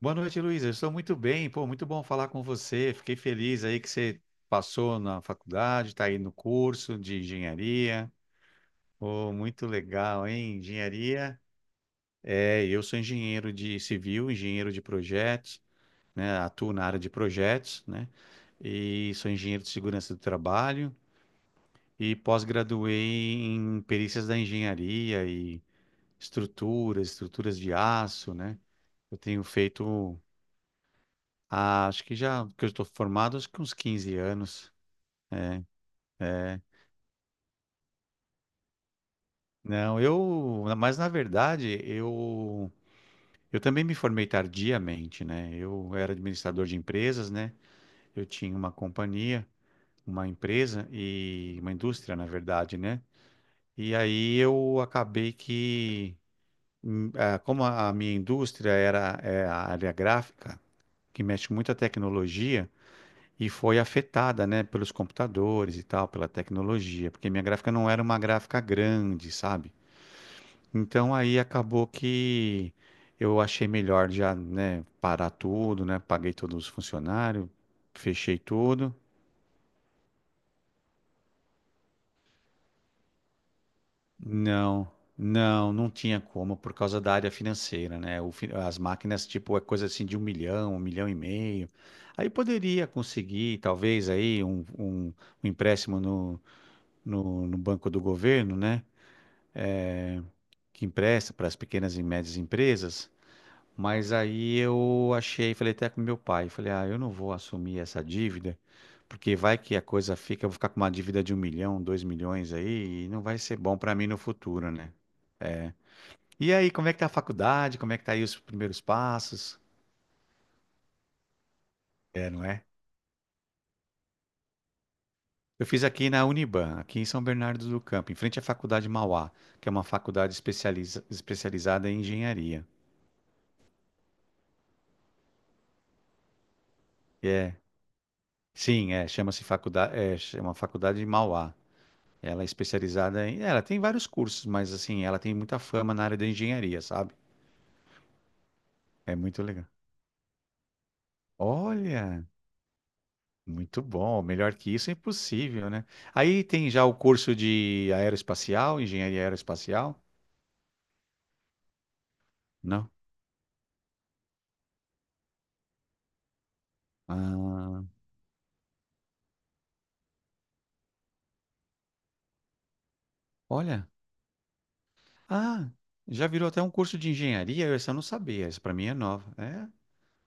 Boa noite, Luiz. Eu estou muito bem. Pô, muito bom falar com você. Fiquei feliz aí que você passou na faculdade, está aí no curso de engenharia. Pô, muito legal, hein? Engenharia. É, eu sou engenheiro de civil, engenheiro de projetos, né? Atuo na área de projetos, né? E sou engenheiro de segurança do trabalho e pós-graduei em perícias da engenharia e estruturas, estruturas de aço, né? Eu tenho feito... Ah, acho que já que eu estou formado, acho que uns 15 anos. É. É. Não, mas na verdade, eu também me formei tardiamente, né? Eu era administrador de empresas, né? Eu tinha uma companhia, uma empresa e uma indústria, na verdade, né? E aí eu acabei que, como a minha indústria era a área gráfica, que mexe muito a tecnologia, e foi afetada, né, pelos computadores e tal, pela tecnologia, porque minha gráfica não era uma gráfica grande, sabe? Então aí acabou que eu achei melhor já, né, parar tudo, né? Paguei todos os funcionários, fechei tudo. Não, não, não tinha como por causa da área financeira, né? As máquinas, tipo, é coisa assim de um milhão e meio. Aí poderia conseguir, talvez, aí um empréstimo no banco do governo, né? Que empresta para as pequenas e médias empresas, mas aí eu achei, falei até com meu pai, falei, ah, eu não vou assumir essa dívida, porque vai que a coisa fica, eu vou ficar com uma dívida de um milhão, dois milhões aí, e não vai ser bom para mim no futuro, né? É. E aí, como é que tá a faculdade? Como é que tá aí os primeiros passos? É, não é? Eu fiz aqui na Uniban, aqui em São Bernardo do Campo, em frente à Faculdade Mauá, que é uma faculdade especializada em engenharia. Sim, é, chama-se faculdade, chama Faculdade de Mauá. Ela é ela tem vários cursos, mas assim, ela tem muita fama na área da engenharia, sabe? É muito legal. Olha, muito bom. Melhor que isso é impossível, né? Aí tem já o curso de aeroespacial, engenharia aeroespacial? Não. Ah, olha. Ah, já virou até um curso de engenharia, eu essa eu não sabia. Essa para mim é nova. É,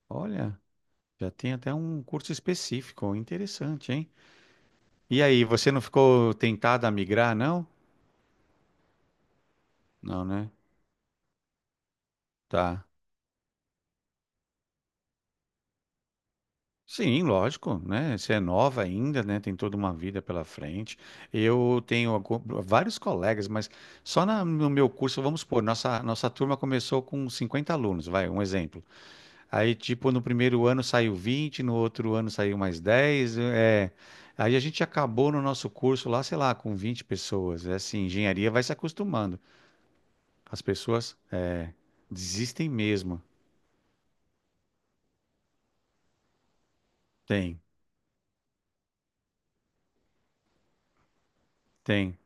olha, já tem até um curso específico, interessante, hein? E aí, você não ficou tentada a migrar, não? Não, né? Tá. Sim, lógico, né? Você é nova ainda, né? Tem toda uma vida pela frente. Eu tenho algu- Vários colegas, mas só no meu curso, vamos supor, nossa, nossa turma começou com 50 alunos, vai, um exemplo. Aí, tipo, no primeiro ano saiu vinte, no outro ano saiu mais dez, aí a gente acabou no nosso curso lá, sei lá, com 20 pessoas. É assim, engenharia vai se acostumando. As pessoas desistem mesmo. Tem. Tem.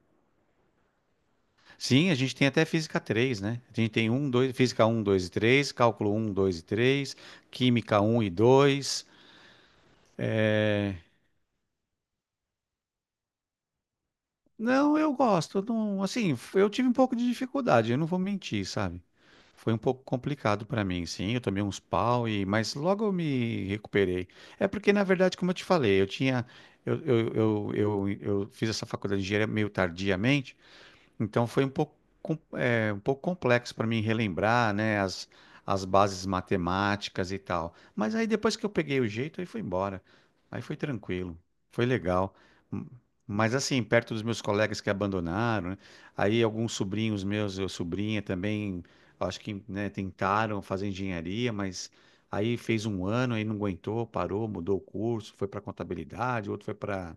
Sim, a gente tem até física três, né? A gente tem um, dois, física um, 2 e 3, cálculo um, 2 e 3, química um e dois. Não, eu gosto. Eu Não, assim, eu tive um pouco de dificuldade, eu não vou mentir, sabe? Foi um pouco complicado para mim, sim. Eu tomei uns pau e, mas logo eu me recuperei. É porque, na verdade, como eu te falei, eu, eu, eu, eu, eu fiz essa faculdade de engenharia meio tardiamente. Então foi um pouco, um pouco complexo para mim relembrar, né, as bases matemáticas e tal. Mas aí depois que eu peguei o jeito, aí foi embora. Aí foi tranquilo, foi legal. M- Mas assim, perto dos meus colegas que abandonaram, né, aí alguns sobrinhos meus, eu sobrinha também, acho que, né, tentaram fazer engenharia, mas aí fez um ano, aí não aguentou, parou, mudou o curso, foi para contabilidade, outro foi para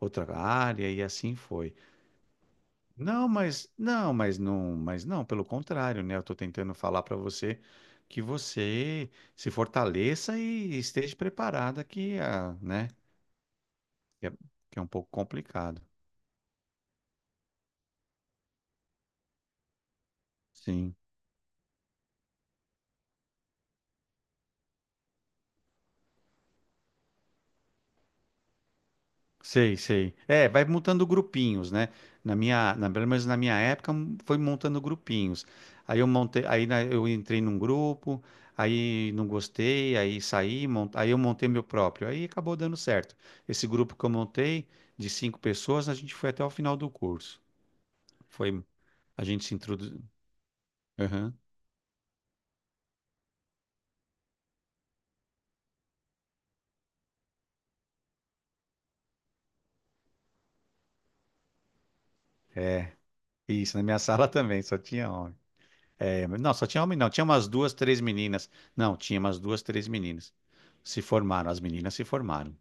outra área e assim foi. Não, mas não, mas não, mas não, pelo contrário, né? Eu tô tentando falar para você que você se fortaleça e esteja preparada que, ah, né, que é, que é um pouco complicado. Sim. Sei, sei. É, vai montando grupinhos, né? Pelo menos na minha época, foi montando grupinhos. Aí eu montei, eu entrei num grupo, aí não gostei, aí saí, aí eu montei meu próprio. Aí acabou dando certo. Esse grupo que eu montei, de cinco pessoas, a gente foi até o final do curso. Foi, a gente se introduziu. Aham. Isso, na minha sala também, só tinha homem. É, mas não, só tinha homem, não. Tinha umas duas, três meninas. Não, tinha umas duas, três meninas. Se formaram, as meninas se formaram.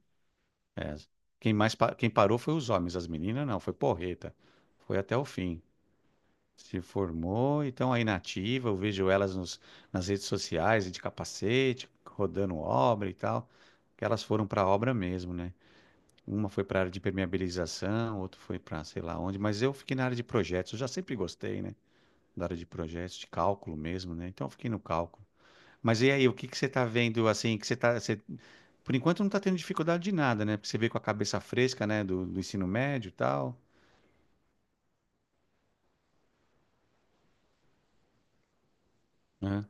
É. Quem parou foi os homens, as meninas não, foi porreta. Foi até o fim. Se formou e estão aí na ativa. Eu vejo elas nas redes sociais de capacete, rodando obra e tal. Que elas foram para a obra mesmo, né? Uma foi para a área de permeabilização, outra foi para sei lá onde, mas eu fiquei na área de projetos. Eu já sempre gostei, né? Da área de projetos, de cálculo mesmo, né? Então eu fiquei no cálculo. Mas e aí, o que que você está vendo assim, que você tá, você por enquanto não está tendo dificuldade de nada, né? Porque você veio com a cabeça fresca, né? Do ensino médio e tal. Aham,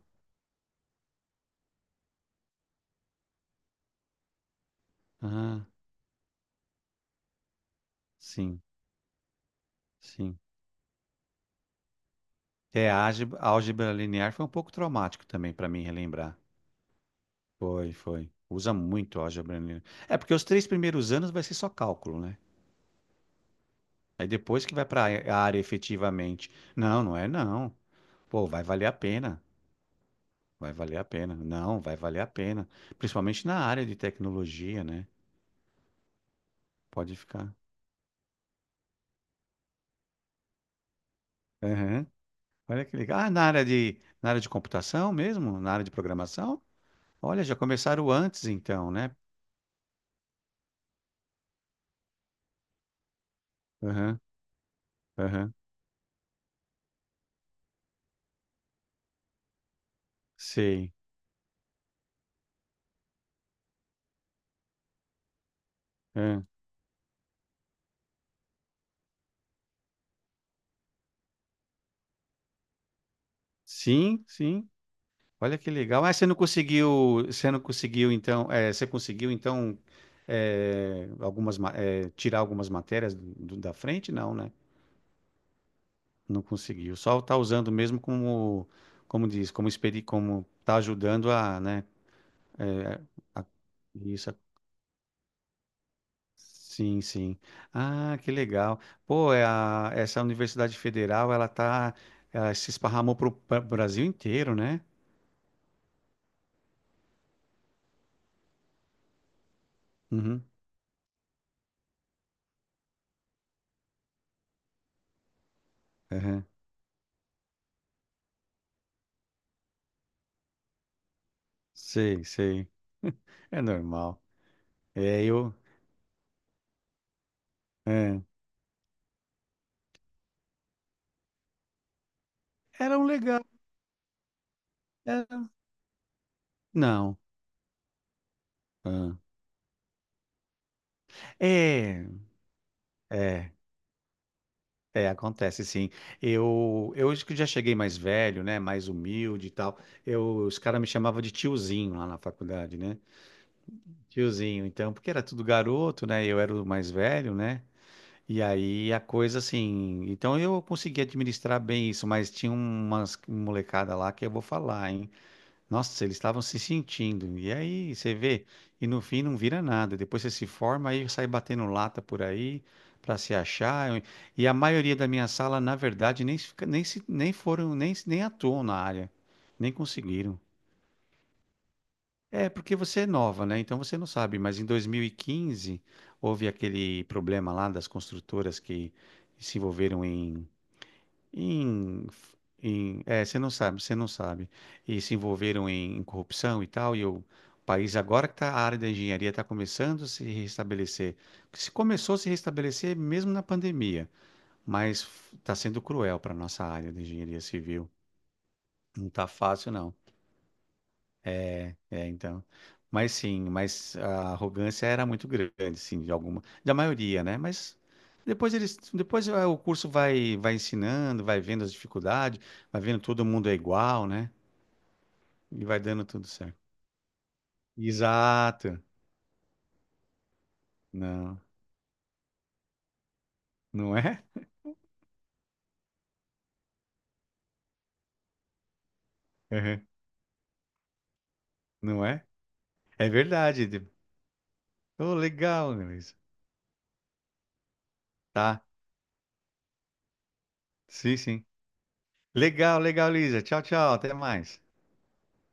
aham, sim, sim. É, a álgebra linear foi um pouco traumático também para mim relembrar. Foi, foi. Usa muito a álgebra linear. É porque os três primeiros anos vai ser só cálculo, né? Aí depois que vai para a área efetivamente. Não, não é não. Pô, vai valer a pena. Vai valer a pena. Não, vai valer a pena. Principalmente na área de tecnologia, né? Pode ficar. Olha que legal. Ah, na área de computação mesmo? Na área de programação? Olha, já começaram antes então, né? Aham, aham, sei. Ah, sim, sim. Olha que legal. Mas você não conseguiu então, você conseguiu então tirar algumas matérias da frente? Não, né? Não conseguiu. Só está usando mesmo como diz, como está ajudando a, né, a, isso, sim, sim. Ah, que legal. Pô, essa Universidade Federal, ela tá, ela se esparramou pro Brasil inteiro, né? Uhum, uhum. Sei, sei. É normal. É, eu. É. Era um legal. era- Não. Ah. É, é, é, acontece sim. Eu acho que já cheguei mais velho, né? Mais humilde e tal. Eu, os caras me chamavam de tiozinho lá na faculdade, né? Tiozinho, então, porque era tudo garoto, né? Eu era o mais velho, né? E aí a coisa assim. Então eu consegui administrar bem isso, mas tinha umas molecada lá que eu vou falar, hein? Nossa, eles estavam se sentindo. E aí você vê, e no fim não vira nada. Depois você se forma, aí sai batendo lata por aí pra se achar. E a maioria da minha sala, na verdade, nem foram, nem atuam na área, nem conseguiram. É, porque você é nova, né? Então você não sabe, mas em 2015 houve aquele problema lá das construtoras que se envolveram em, você não sabe, e se envolveram em, em corrupção e tal, e o país agora que tá, a área da engenharia está começando a se restabelecer. Porque se começou a se restabelecer mesmo na pandemia, mas está sendo cruel para a nossa área da engenharia civil, não está fácil não. É, então. Mas sim, mas a arrogância era muito grande, sim, de alguma, da maioria, né? Mas depois eles, depois ah, o curso vai, vai ensinando, vai vendo as dificuldades, vai vendo todo mundo é igual, né? E vai dando tudo certo. Exato. Não, não é? Uhum. Não é? É verdade. De- Oh, legal, Luísa. Tá. Sim, sim. Legal, legal, Luísa. Tchau, tchau. Até mais.